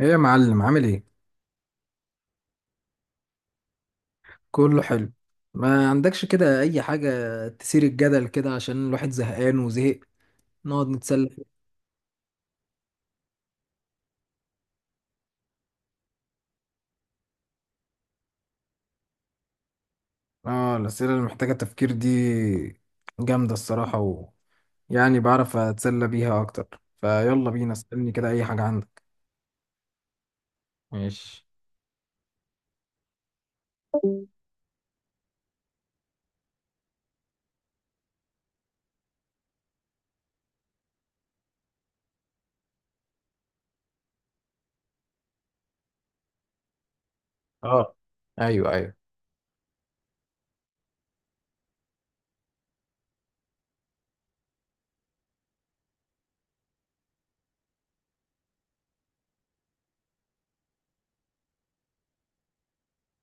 ايه يا معلم، عامل ايه؟ كله حلو. ما عندكش كده اي حاجة تثير الجدل كده، عشان الواحد زهقان وزهق نقعد نتسلى فيها؟ اه، الأسئلة اللي محتاجة تفكير دي جامدة الصراحة، و يعني بعرف أتسلى بيها أكتر. فيلا بينا، اسألني كده أي حاجة عندك. ماشي. اه، ايوه ايوه.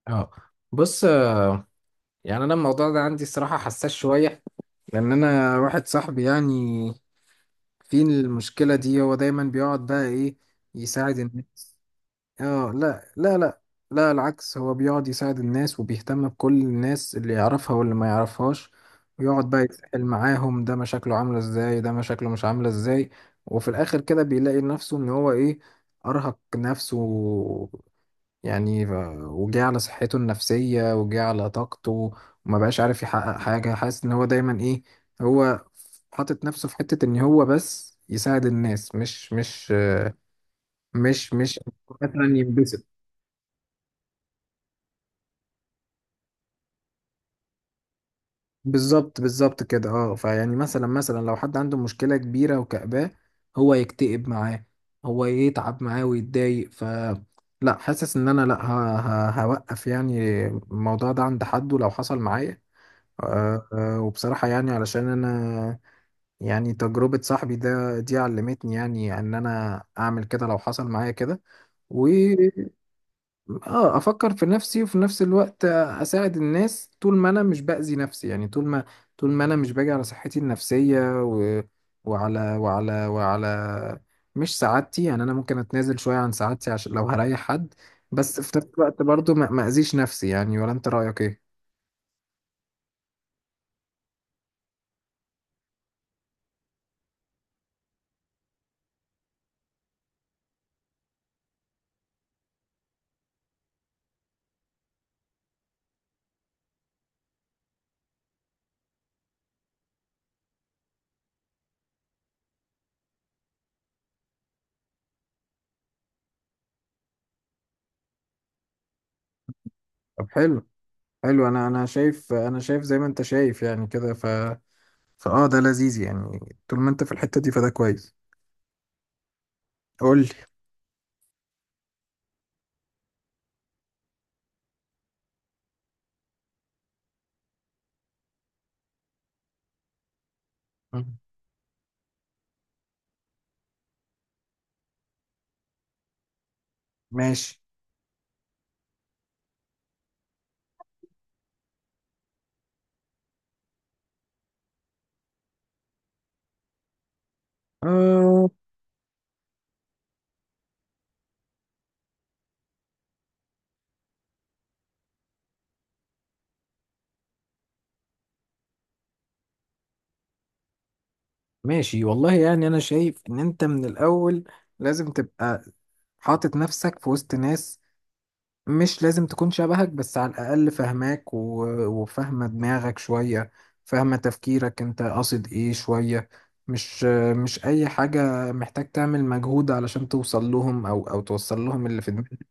اه. بص، يعني انا الموضوع ده عندي الصراحة حساس شوية، لان انا واحد صاحبي، يعني في المشكلة دي هو دايما بيقعد بقى ايه، يساعد الناس. اه، لا لا لا. لا، العكس، هو بيقعد يساعد الناس وبيهتم بكل الناس اللي يعرفها واللي ما يعرفهاش، ويقعد بقى يتسحل معاهم، ده مشاكله عاملة ازاي، ده مشاكله مش عاملة ازاي. وفي الآخر كده بيلاقي نفسه ان هو ايه، أرهق نفسه. يعني وجه على صحته النفسية، وجه على طاقته، وما بقاش عارف يحقق حاجة. حاسس ان هو دايما ايه، هو حاطط نفسه في حتة ان هو بس يساعد الناس، مش مش آه، مش مش مثلا ينبسط. بالظبط، بالظبط كده، اه. فيعني مثلا لو حد عنده مشكلة كبيرة وكأباه، هو يكتئب معاه، هو يتعب معاه ويتضايق، ف لا، حاسس ان انا لا هوقف يعني الموضوع ده عند حد، ولو حصل معايا أه أه. وبصراحة يعني، علشان انا، يعني تجربة صاحبي ده دي علمتني، يعني ان انا اعمل كده لو حصل معايا كده. اه، افكر في نفسي، وفي نفس الوقت اساعد الناس طول ما انا مش باذي نفسي، يعني طول ما طول ما انا مش باجي على صحتي النفسيه، و... وعلى وعلى وعلى مش سعادتي. يعني انا ممكن اتنازل شويه عن سعادتي عشان لو هريح حد، بس في نفس الوقت برضو ما اذيش نفسي يعني. ولا انت رايك ايه؟ طب حلو. حلو، انا شايف زي ما انت شايف يعني كده، ف فاه ده لذيذ يعني. طول ما انت في الحته دي فده كويس. قول لي. ماشي. ماشي والله، يعني انا شايف ان انت من الاول لازم تبقى حاطط نفسك في وسط ناس، مش لازم تكون شبهك، بس على الاقل فاهماك وفاهمه دماغك شويه، فاهمه تفكيرك انت قاصد ايه شويه. مش مش اي حاجه محتاج تعمل مجهود علشان توصل لهم، او توصل لهم اللي في دماغك.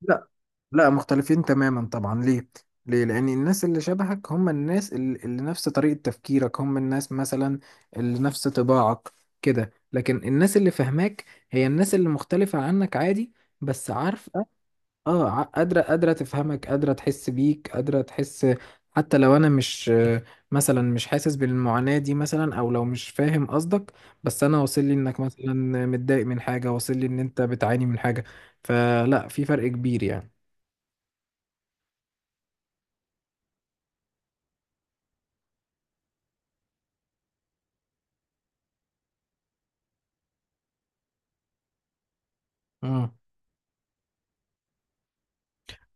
لا، لا، مختلفين تماما طبعا. ليه؟ ليه؟ لأن الناس اللي شبهك هم الناس اللي نفس طريقة تفكيرك، هم الناس مثلا اللي نفس طباعك كده. لكن الناس اللي فاهماك هي الناس اللي مختلفة عنك عادي، بس عارفة. اه، قادرة تفهمك، قادرة تحس بيك، قادرة تحس، حتى لو أنا مش، مثلا مش حاسس بالمعاناة دي مثلا، أو لو مش فاهم قصدك، بس أنا واصل لي إنك مثلا متضايق من حاجة، واصل لي إن أنت بتعاني من حاجة، فلا، في فرق كبير يعني. مم.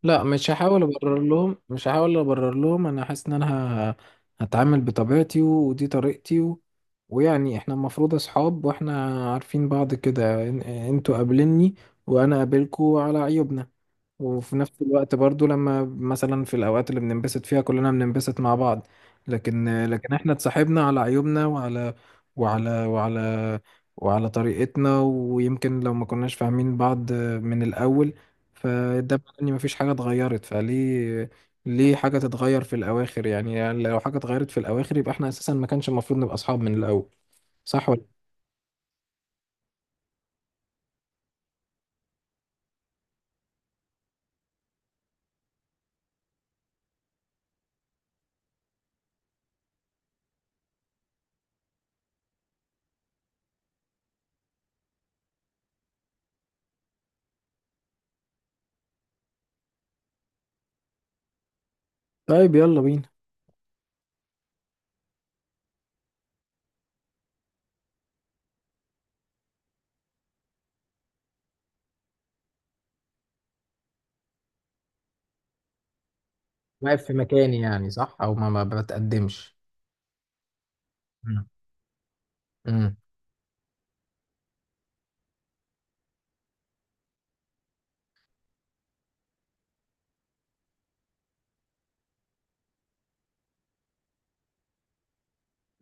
لا، مش هحاول ابرر لهم. انا حاسس ان انا ه- هتعامل بطبيعتي، ودي طريقتي، ويعني احنا المفروض اصحاب، واحنا عارفين بعض كده. انتوا قابلني، وانا قابلكوا على عيوبنا. وفي نفس الوقت برضو، لما مثلا في الأوقات اللي بننبسط فيها، كلنا بننبسط مع بعض. لكن احنا اتصاحبنا على عيوبنا، وعلى وعلى وعلى طريقتنا. ويمكن لو ما كناش فاهمين بعض من الأول، فده معناه ان مفيش حاجة اتغيرت. فليه، ليه حاجة تتغير في الأواخر يعني؟ يعني لو حاجة اتغيرت في الأواخر، يبقى احنا أساسا ما كانش المفروض نبقى أصحاب من الأول. صح ولا؟ طيب يلا بينا. واقف في مكاني يعني، صح، أو ما بتقدمش. مم. مم.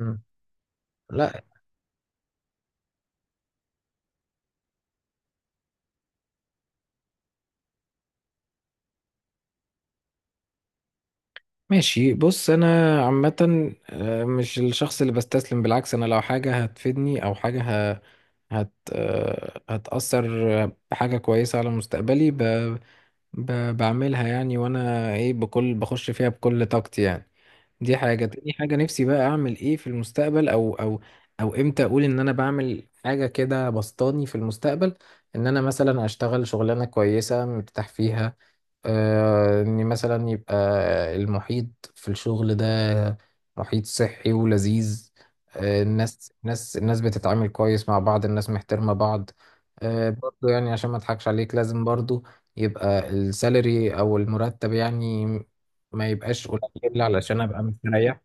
مم. لا. ماشي، بص، انا عامة آه، مش الشخص اللي بستسلم، بالعكس، انا لو حاجة هتفيدني او حاجة ه... هت... آه، هتأثر بحاجة كويسة على مستقبلي، بعملها يعني. وانا ايه، بخش فيها بكل طاقتي يعني. دي حاجة. تاني حاجة، نفسي بقى اعمل ايه في المستقبل، او امتى اقول ان انا بعمل حاجة كده بسطاني في المستقبل، ان انا مثلا اشتغل شغلانة كويسة مرتاح فيها. آه، ان مثلا يبقى المحيط في الشغل ده محيط صحي ولذيذ. آه، الناس الناس بتتعامل كويس مع بعض، الناس محترمة بعض. آه، برضو يعني عشان ما اضحكش عليك، لازم برضو يبقى السالري او المرتب، يعني ما يبقاش قليل علشان ابقى مستريح.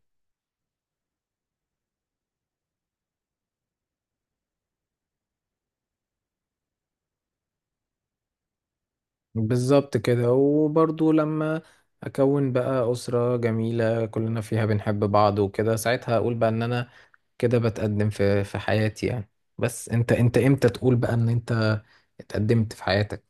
بالظبط كده. وبرضو لما اكون بقى اسرة جميلة كلنا فيها بنحب بعض وكده، ساعتها اقول بقى ان انا كده بتقدم في حياتي يعني. بس انت امتى تقول بقى ان انت اتقدمت في حياتك؟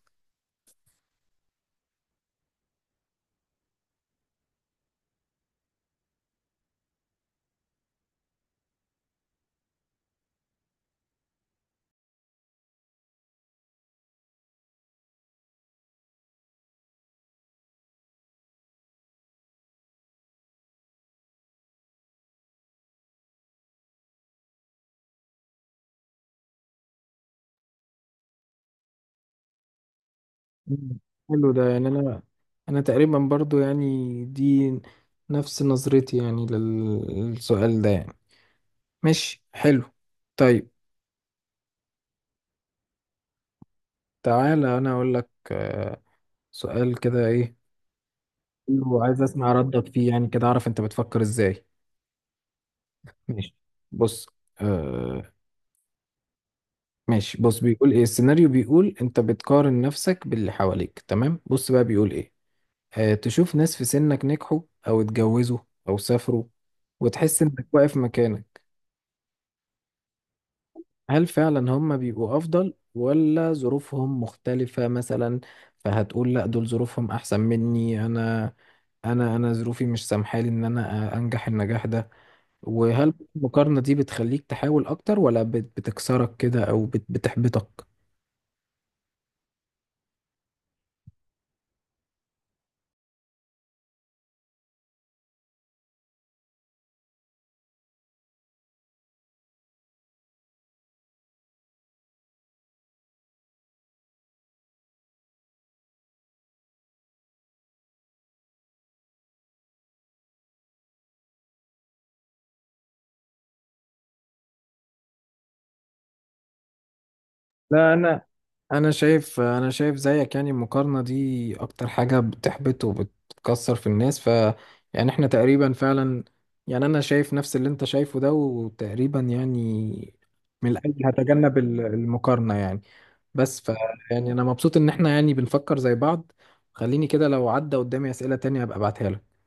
مم. حلو. ده يعني انا تقريبا برضو يعني، دي نفس نظرتي يعني للسؤال ده يعني. ماشي، حلو. طيب، تعالى انا اقول لك آه، سؤال كده ايه. حلو، عايز اسمع ردك فيه، يعني كده اعرف انت بتفكر ازاي. ماشي، بص. آه. ماشي، بص، بيقول ايه السيناريو، بيقول انت بتقارن نفسك باللي حواليك، تمام، بص بقى بيقول ايه: آه، تشوف ناس في سنك نجحوا، او اتجوزوا، او سافروا، وتحس انك واقف مكانك. هل فعلا هم بيبقوا افضل، ولا ظروفهم مختلفة مثلا؟ فهتقول لا، دول ظروفهم احسن مني، انا انا ظروفي مش سامحالي ان انا انجح النجاح ده. وهل المقارنة دي بتخليك تحاول اكتر، ولا بتكسرك كده، او بتحبطك؟ لا، انا شايف زيك يعني، المقارنه دي اكتر حاجه بتحبط وبتكسر في الناس. ف يعني احنا تقريبا فعلا، يعني انا شايف نفس اللي انت شايفه ده، وتقريبا يعني من الاجل هتجنب المقارنه يعني. بس ف، يعني انا مبسوط ان احنا يعني بنفكر زي بعض. خليني كده، لو عدى قدامي اسئله تانية ابقى ابعتها لك.